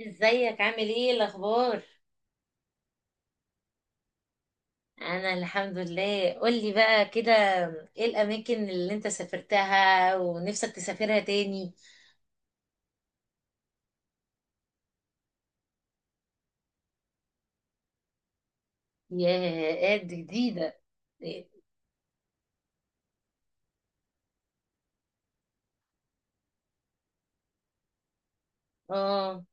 ازيك عامل ايه الاخبار؟ انا الحمد لله. قولي بقى كده، ايه الاماكن اللي انت سافرتها ونفسك تسافرها تاني؟ يا قد جديده. اه.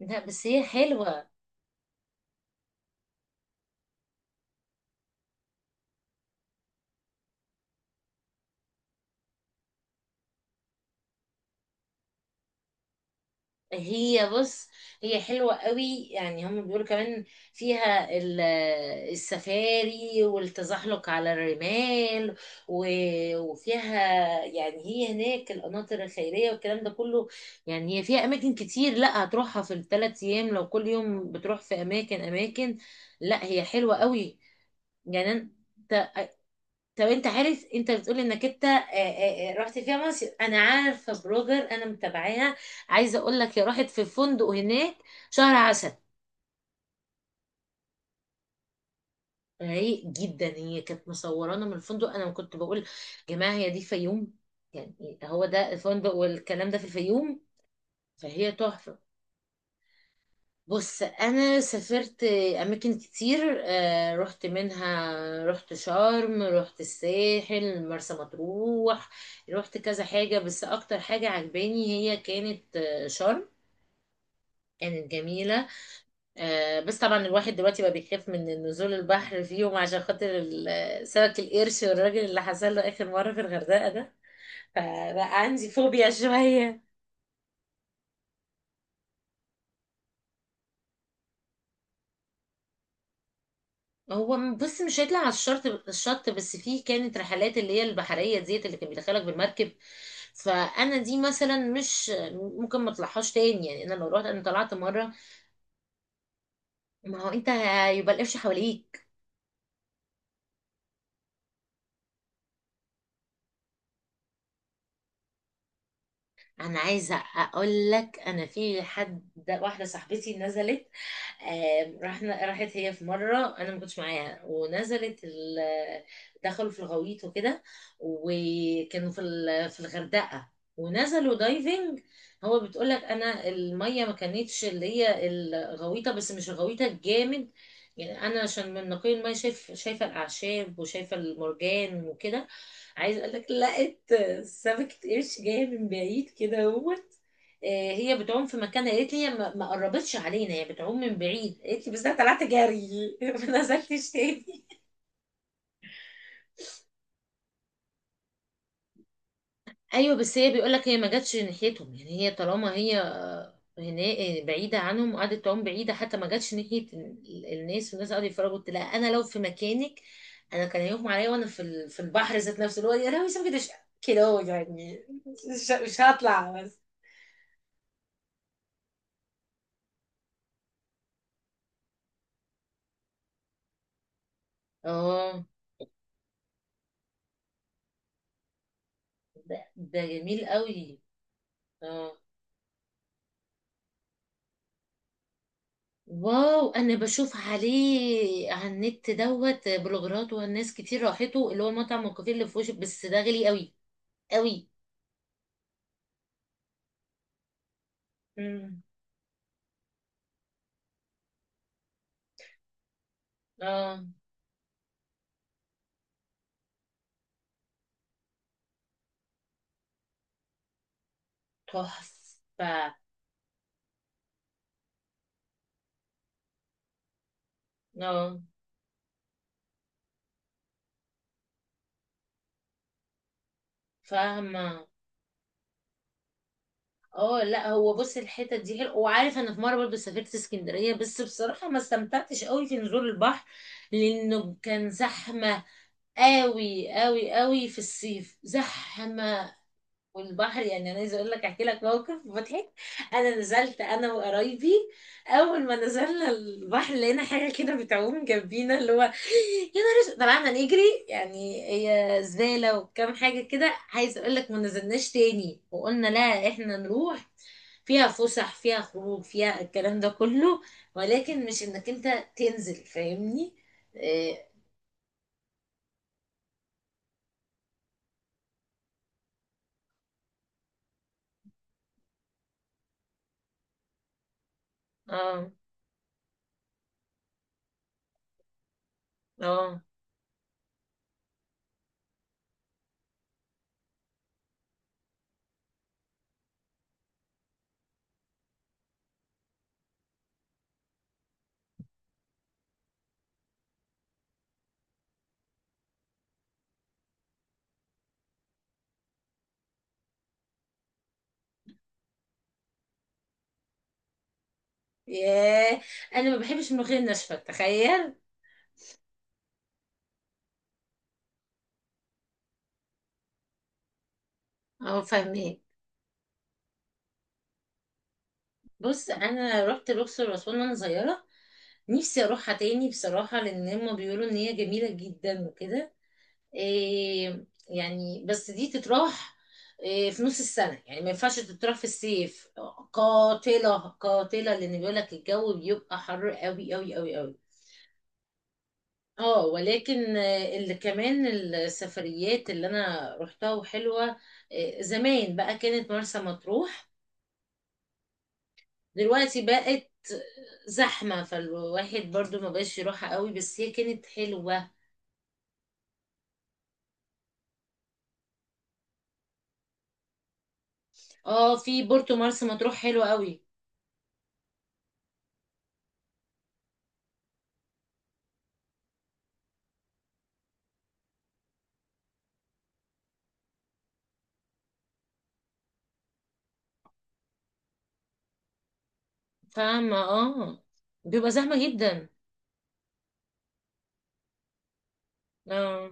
لا بس هي حلوه. هي بص، هي حلوة قوي يعني. هم بيقولوا كمان فيها السفاري والتزحلق على الرمال، وفيها يعني، هي هناك القناطر الخيرية والكلام ده كله. يعني هي فيها أماكن كتير، لا هتروحها في الثلاث أيام لو كل يوم بتروح في أماكن. لا هي حلوة قوي يعني. أنت طب انت عارف، انت بتقول انك انت رحت فيها مصيف. انا عارفه بلوجر انا متابعاها، عايزه اقول لك هي راحت في فندق هناك شهر عسل. رايق جدا. هي كانت مصورانا من الفندق، انا كنت بقول يا جماعه هي دي فيوم؟ يعني هو ده الفندق والكلام ده في الفيوم. فهي تحفه. بص انا سافرت اماكن كتير. رحت منها، رحت شرم، رحت الساحل، مرسى مطروح، رحت كذا حاجة. بس اكتر حاجة عجباني هي كانت شرم. كانت جميلة. بس طبعا الواحد دلوقتي بقى بيخاف من نزول البحر فيهم عشان خاطر سمك القرش، والراجل اللي حصل له اخر مرة في الغردقة ده. فبقى عندي فوبيا شوية. هو بص، مش هيطلع على الشط بس، فيه كانت رحلات اللي هي البحرية ديت اللي كان بيدخلك بالمركب. فانا دي مثلا مش ممكن ما اطلعهاش تاني يعني، انا لو رحت انا طلعت مرة. ما هو انت هيبقى القفش حواليك. انا عايزه اقول لك، انا في حد، واحده صاحبتي نزلت. رحنا، راحت هي في مره انا ما كنتش معاها، ونزلت دخلوا في الغويط وكده، وكانوا في في الغردقه، ونزلوا دايفنج. هو بتقول لك انا الميه ما كانتش اللي هي الغويطه، بس مش الغويطه الجامد يعني. انا عشان من نقي الميه شايف، شايفه الاعشاب وشايفه المرجان وكده. عايزه اقول لك، لا، سمكة قرش جاية من بعيد كده اهوت. هي بتعوم في مكان، قالت لي هي ما قربتش علينا، هي بتعوم من بعيد قالت لي، بس انا طلعت جري ما نزلتش تاني. ايوه بس هي بيقول لك هي ما جاتش ناحيتهم يعني، هي طالما هي هنا، بعيده عنهم وقعدت تعوم بعيده، حتى ما جاتش ناحيه الناس، والناس قعدوا يتفرجوا. قلت لها انا لو في مكانك انا كان هيغمى عليا، وانا في في البحر ذات نفسه اللي هو، يا لهوي سمكة قرش كده هو يعني. مش هطلع بس. اه، ده جميل قوي. اه. واو انا بشوف عليه على النت دوت بلوجرات والناس كتير راحته، اللي هو مطعم الكافيه اللي في وشك، بس ده غالي قوي. امم. اه. تحفه. اه. فاهمه. اه لا، هو بص، الحته دي حلوه. وعارف انا في مره برضه سافرت اسكندريه، بس بصراحه ما استمتعتش قوي في نزول البحر لانه كان زحمه قوي. في الصيف زحمه. والبحر يعني، انا عايزه اقول لك، احكي لك موقف مضحك. انا نزلت انا وقرايبي، اول ما نزلنا البحر لقينا حاجه كده بتعوم جنبينا اللي هو، يا نهار أسود. طلعنا نجري. يعني هي زباله وكام حاجه كده. عايزه اقول لك ما نزلناش تاني وقلنا لا احنا نروح. فيها فسح، فيها خروج، فيها الكلام ده كله، ولكن مش انك انت تنزل، فاهمني؟ إيه. اه. اه. ياه، انا ما بحبش الملوخيه الناشفه، تخيل. اه فاهمه. بص انا رحت الاقصر واسوان وانا صغيره، نفسي اروحها تاني بصراحه، لان هما بيقولوا ان هي جميله جدا وكده. إيه يعني، بس دي تتراح إيه في نص السنه يعني، ما ينفعش تتراح في الصيف. قاتله قاتله. لان بيقول لك الجو بيبقى حر قوي. اه ولكن اللي كمان السفريات اللي انا رحتها وحلوه، زمان بقى، كانت مرسى مطروح. دلوقتي بقت زحمة فالواحد برضو ما بقاش يروحها قوي، بس هي كانت حلوة. اه، في بورتو مارس مطروح حلوة قوي. فاهمة اه. بيبقى زحمة جدا. اه.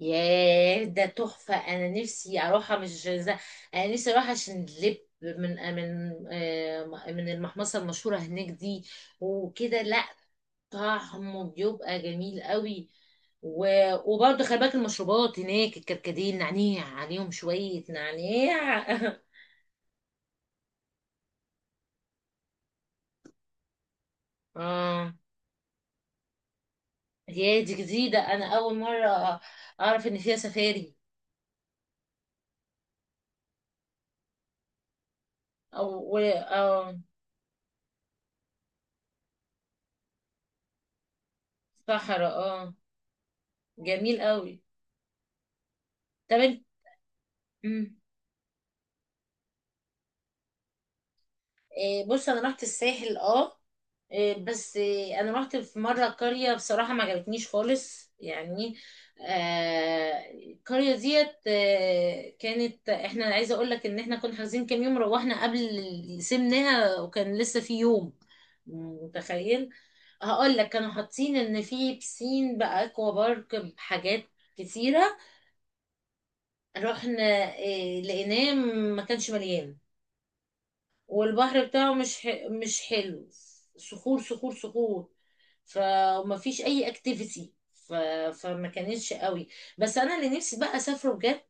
ياه ده تحفة، انا نفسي اروحها مش ز... انا نفسي اروح عشان لب، من من المحمصة المشهورة هناك دي وكده. لا، طعمه بيبقى جميل قوي. و... وبرضه خلي بالك، المشروبات هناك الكركديه، النعناع عليهم شوية نعناع. اه. هي دي جديدة، انا اول مرة اعرف ان فيها سفاري. او. و... اه. صحراء اه، جميل قوي. طب انت. مم. إيه، بص انا رحت الساحل اه. إيه، بس إيه، انا رحت في مره قريه بصراحه ما عجبتنيش خالص يعني. آه القريه ديت آه كانت، احنا عايزه اقول لك ان احنا كنا حاجزين كام يوم، روحنا قبل، سيبناها وكان لسه في يوم. متخيل؟ هقول لك، كانوا حاطين ان في بسين، باكوا بارك، بحاجات كتيره. رحنا، إيه، لقيناه ما كانش مليان. والبحر بتاعه مش حلو، صخور صخور. فما فيش اي اكتيفيتي. فما كانتش قوي. بس انا اللي نفسي بقى اسافره بجد،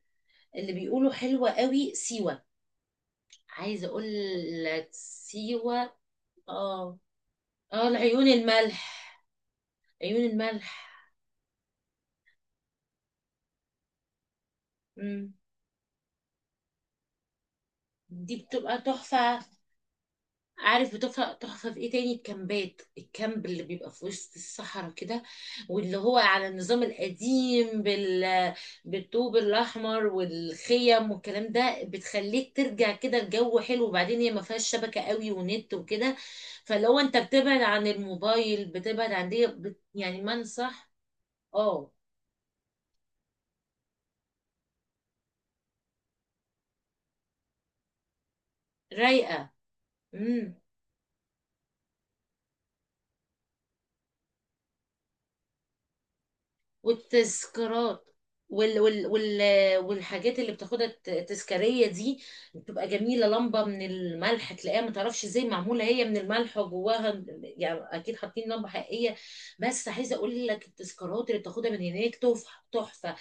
اللي بيقولوا حلوة قوي، سيوة. عايزة اقول لك سيوة. اه. اه العيون الملح، عيون الملح. مم. دي بتبقى تحفة. عارف بتفرق تحفة في ايه تاني؟ الكامبات، الكامب اللي بيبقى في وسط الصحراء كده، واللي هو على النظام القديم بالطوب الأحمر والخيم والكلام ده، بتخليك ترجع كده، الجو حلو، وبعدين هي ما فيهاش شبكة قوي ونت وكده. فلو انت بتبعد عن الموبايل بتبعد عن دي. يعني ما انصح. اه. رايقة. امم. والتذكارات، وال والحاجات اللي بتاخدها التذكارية دي، بتبقى جميلة. لمبة من الملح تلاقيها ما تعرفش ازاي معمولة، هي من الملح وجواها يعني اكيد حاطين لمبة حقيقية. بس عايزة اقول لك التذكارات اللي بتاخدها من هناك تحفة تحفة.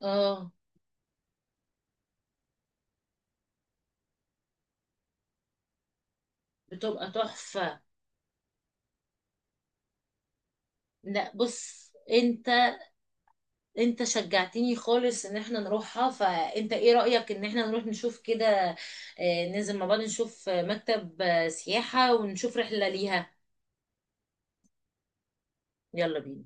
اه. بتبقى تحفة. لا بص انت، انت شجعتني خالص ان احنا نروحها، فانت ايه رأيك ان احنا نروح نشوف كده، ننزل مع بعض، نشوف مكتب سياحة، ونشوف رحلة ليها؟ يلا بينا.